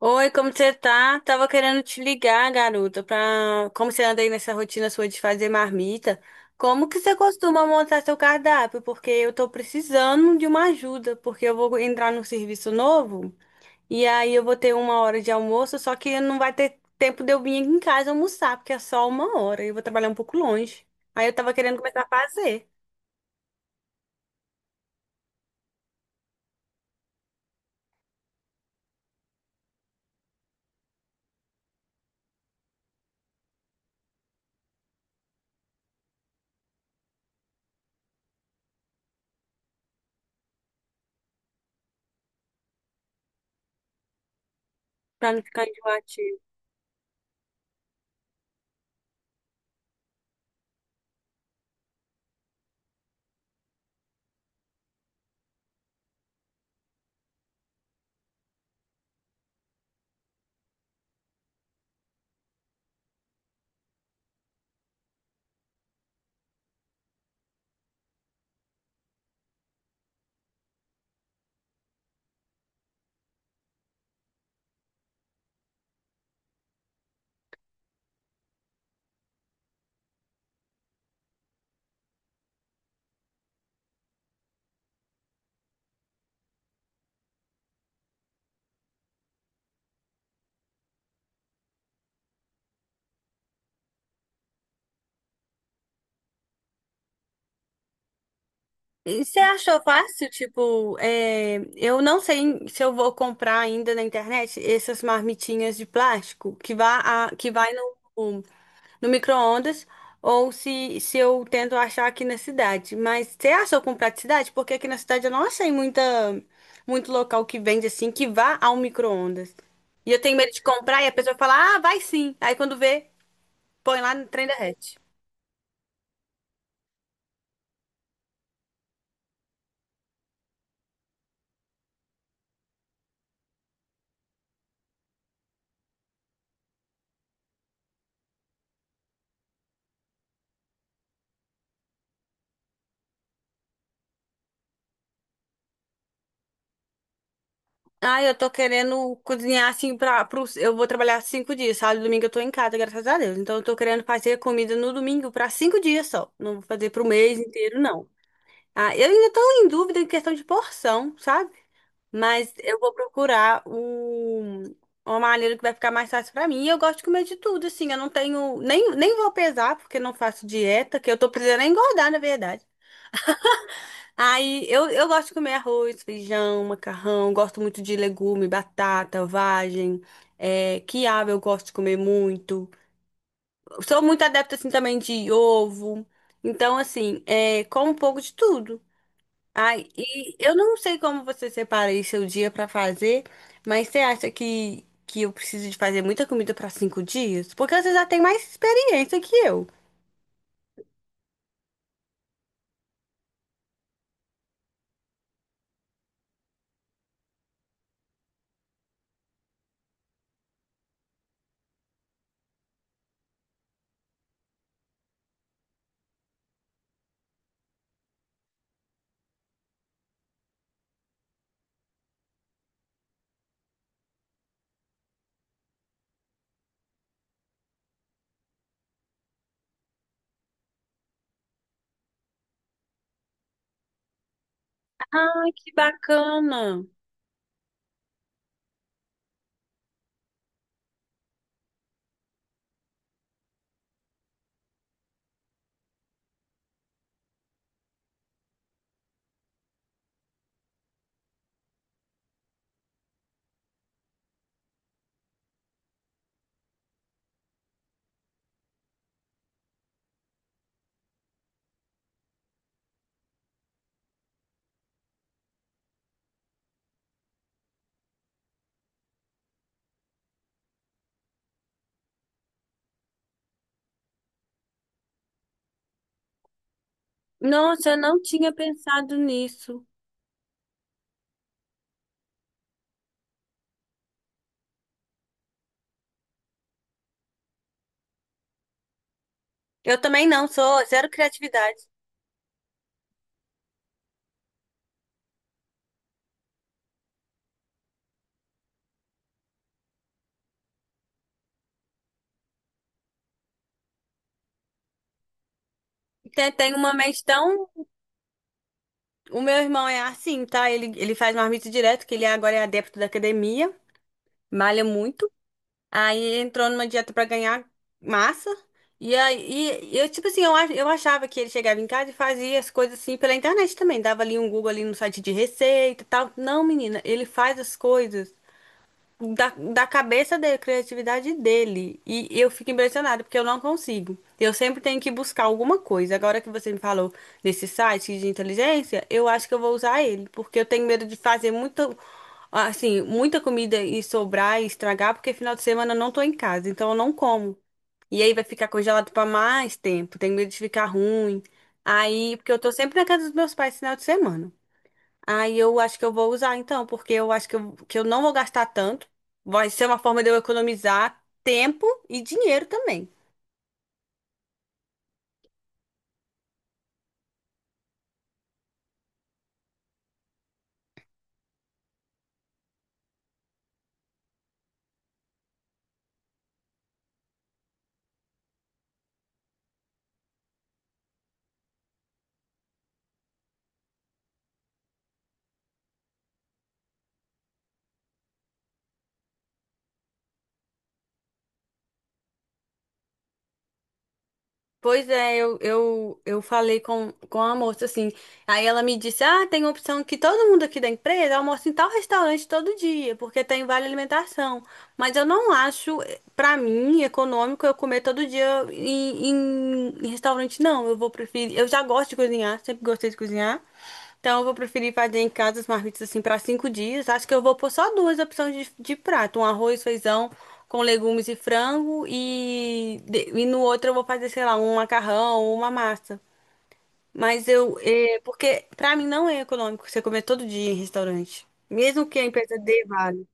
Oi, como você tá? Tava querendo te ligar, garota, como você anda aí nessa rotina sua de fazer marmita, como que você costuma montar seu cardápio? Porque eu tô precisando de uma ajuda, porque eu vou entrar num serviço novo e aí eu vou ter uma hora de almoço, só que não vai ter tempo de eu vir aqui em casa almoçar, porque é só uma hora e eu vou trabalhar um pouco longe. Aí eu tava querendo começar a fazer, pra não ficar enjoativo. E você achou fácil? Tipo, eu não sei se eu vou comprar ainda na internet essas marmitinhas de plástico que vai, que vai no, no micro-ondas ou se eu tento achar aqui na cidade. Mas você achou com praticidade? Porque aqui na cidade eu não achei muito local que vende assim que vá ao micro-ondas. E eu tenho medo de comprar e a pessoa fala, ah, vai sim. Aí quando vê, põe lá no trem da. Ah, eu tô querendo cozinhar assim pra eu vou trabalhar 5 dias, sábado e domingo eu tô em casa, graças a Deus. Então eu tô querendo fazer comida no domingo pra 5 dias só. Não vou fazer pro mês inteiro, não. Ah, eu ainda tô em dúvida em questão de porção, sabe? Mas eu vou procurar uma maneira que vai ficar mais fácil pra mim. E eu gosto de comer de tudo, assim. Eu não tenho. Nem vou pesar, porque não faço dieta, que eu tô precisando é engordar, na verdade. Aí eu gosto de comer arroz, feijão, macarrão, gosto muito de legume, batata, vagem, quiabo eu gosto de comer muito. Sou muito adepta assim também de ovo. Então, assim, como um pouco de tudo. Ai, e eu não sei como você separa aí seu dia pra fazer, mas você acha que eu preciso de fazer muita comida pra 5 dias? Porque você já tem mais experiência que eu. Ai, que bacana! Nossa, eu não tinha pensado nisso. Eu também não, sou zero criatividade. Tem uma mente tão. O meu irmão é assim, tá? Ele faz marmita direto, que ele agora é adepto da academia, malha muito. Aí entrou numa dieta pra ganhar massa. E aí, e eu, tipo assim, eu achava que ele chegava em casa e fazia as coisas assim pela internet também. Dava ali um Google ali no site de receita e tal. Não, menina, ele faz as coisas da cabeça dele, criatividade dele. E eu fico impressionada, porque eu não consigo. Eu sempre tenho que buscar alguma coisa. Agora que você me falou nesse site de inteligência, eu acho que eu vou usar ele, porque eu tenho medo de fazer muito assim, muita comida e sobrar e estragar, porque final de semana eu não tô em casa, então eu não como. E aí vai ficar congelado para mais tempo, tenho medo de ficar ruim. Aí, porque eu tô sempre na casa dos meus pais final de semana. Aí eu acho que eu vou usar então, porque eu acho que eu não vou gastar tanto. Vai ser uma forma de eu economizar tempo e dinheiro também. Pois é, eu falei com a moça assim. Aí ela me disse: ah, tem uma opção que todo mundo aqui da empresa almoça em tal restaurante todo dia, porque tem vale alimentação. Mas eu não acho, pra mim, econômico eu comer todo dia em restaurante, não. Eu vou preferir. Eu já gosto de cozinhar, sempre gostei de cozinhar. Então eu vou preferir fazer em casa as marmitas assim pra 5 dias. Acho que eu vou pôr só duas opções de prato: um arroz, feijão com legumes e frango e no outro eu vou fazer, sei lá, um macarrão ou uma massa. Mas eu, é, porque pra mim não é econômico você comer todo dia em restaurante. Mesmo que a empresa dê vale.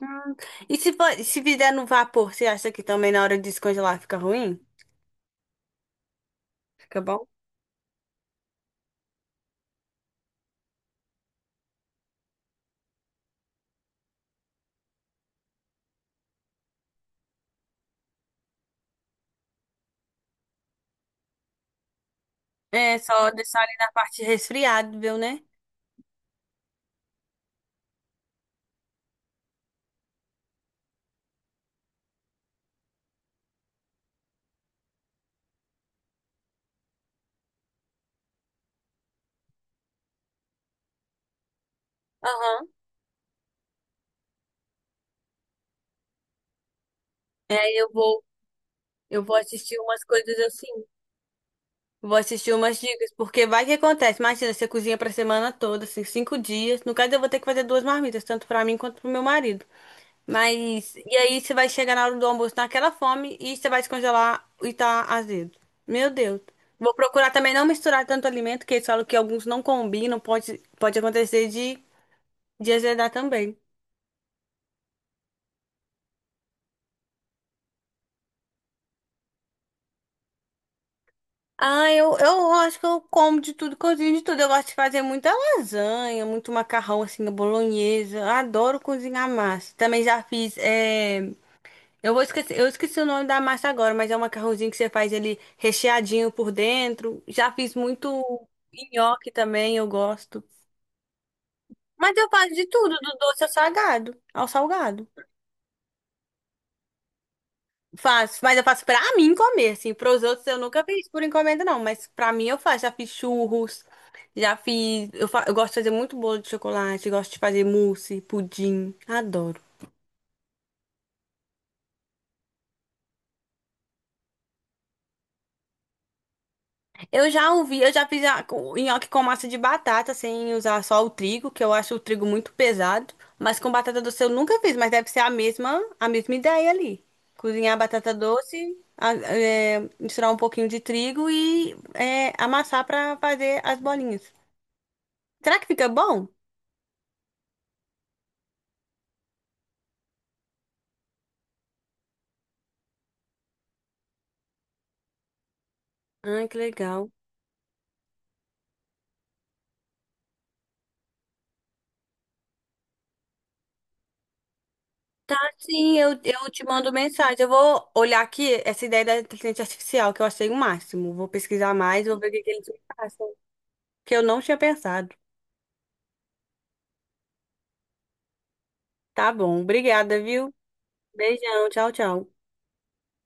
Hum. E se fizer no vapor, você acha que também na hora de descongelar fica ruim? Fica bom? É, só deixar ali na parte resfriável, né? Aham. É, eu vou, eu vou assistir umas coisas assim. Vou assistir umas dicas, porque vai que acontece. Imagina, você cozinha pra semana toda, assim, 5 dias. No caso, eu vou ter que fazer duas marmitas, tanto pra mim quanto pro meu marido. Mas, e aí você vai chegar na hora do almoço naquela fome e você vai descongelar e tá azedo. Meu Deus. Vou procurar também não misturar tanto alimento, que eles falam que alguns não combinam, pode acontecer de azedar também. Ah, eu acho que eu como de tudo, cozinho de tudo. Eu gosto de fazer muita lasanha, muito macarrão, assim, a bolonhesa. Eu adoro cozinhar massa. Também já fiz, é... Eu vou esquecer, eu esqueci o nome da massa agora, mas é um macarrãozinho que você faz ele recheadinho por dentro. Já fiz muito nhoque também, eu gosto. Mas eu faço de tudo, do doce ao salgado, ao salgado. Faço, mas eu faço pra mim comer, assim. Pros outros eu nunca fiz por encomenda, não. Mas pra mim eu faço. Já fiz churros, já fiz. Eu gosto de fazer muito bolo de chocolate, gosto de fazer mousse, pudim. Adoro. Eu já ouvi, eu já fiz nhoque com massa de batata, sem usar só o trigo, que eu acho o trigo muito pesado. Mas com batata doce eu nunca fiz, mas deve ser a mesma ideia ali. Cozinhar a batata doce, é, misturar um pouquinho de trigo e é, amassar pra fazer as bolinhas. Será que fica bom? Ah, que legal. Sim, eu te mando mensagem. Eu vou olhar aqui essa ideia da inteligência artificial, que eu achei o máximo. Vou pesquisar mais, vou ver o que que eles me passam, que eu não tinha pensado. Tá bom, obrigada, viu? Beijão, tchau, tchau.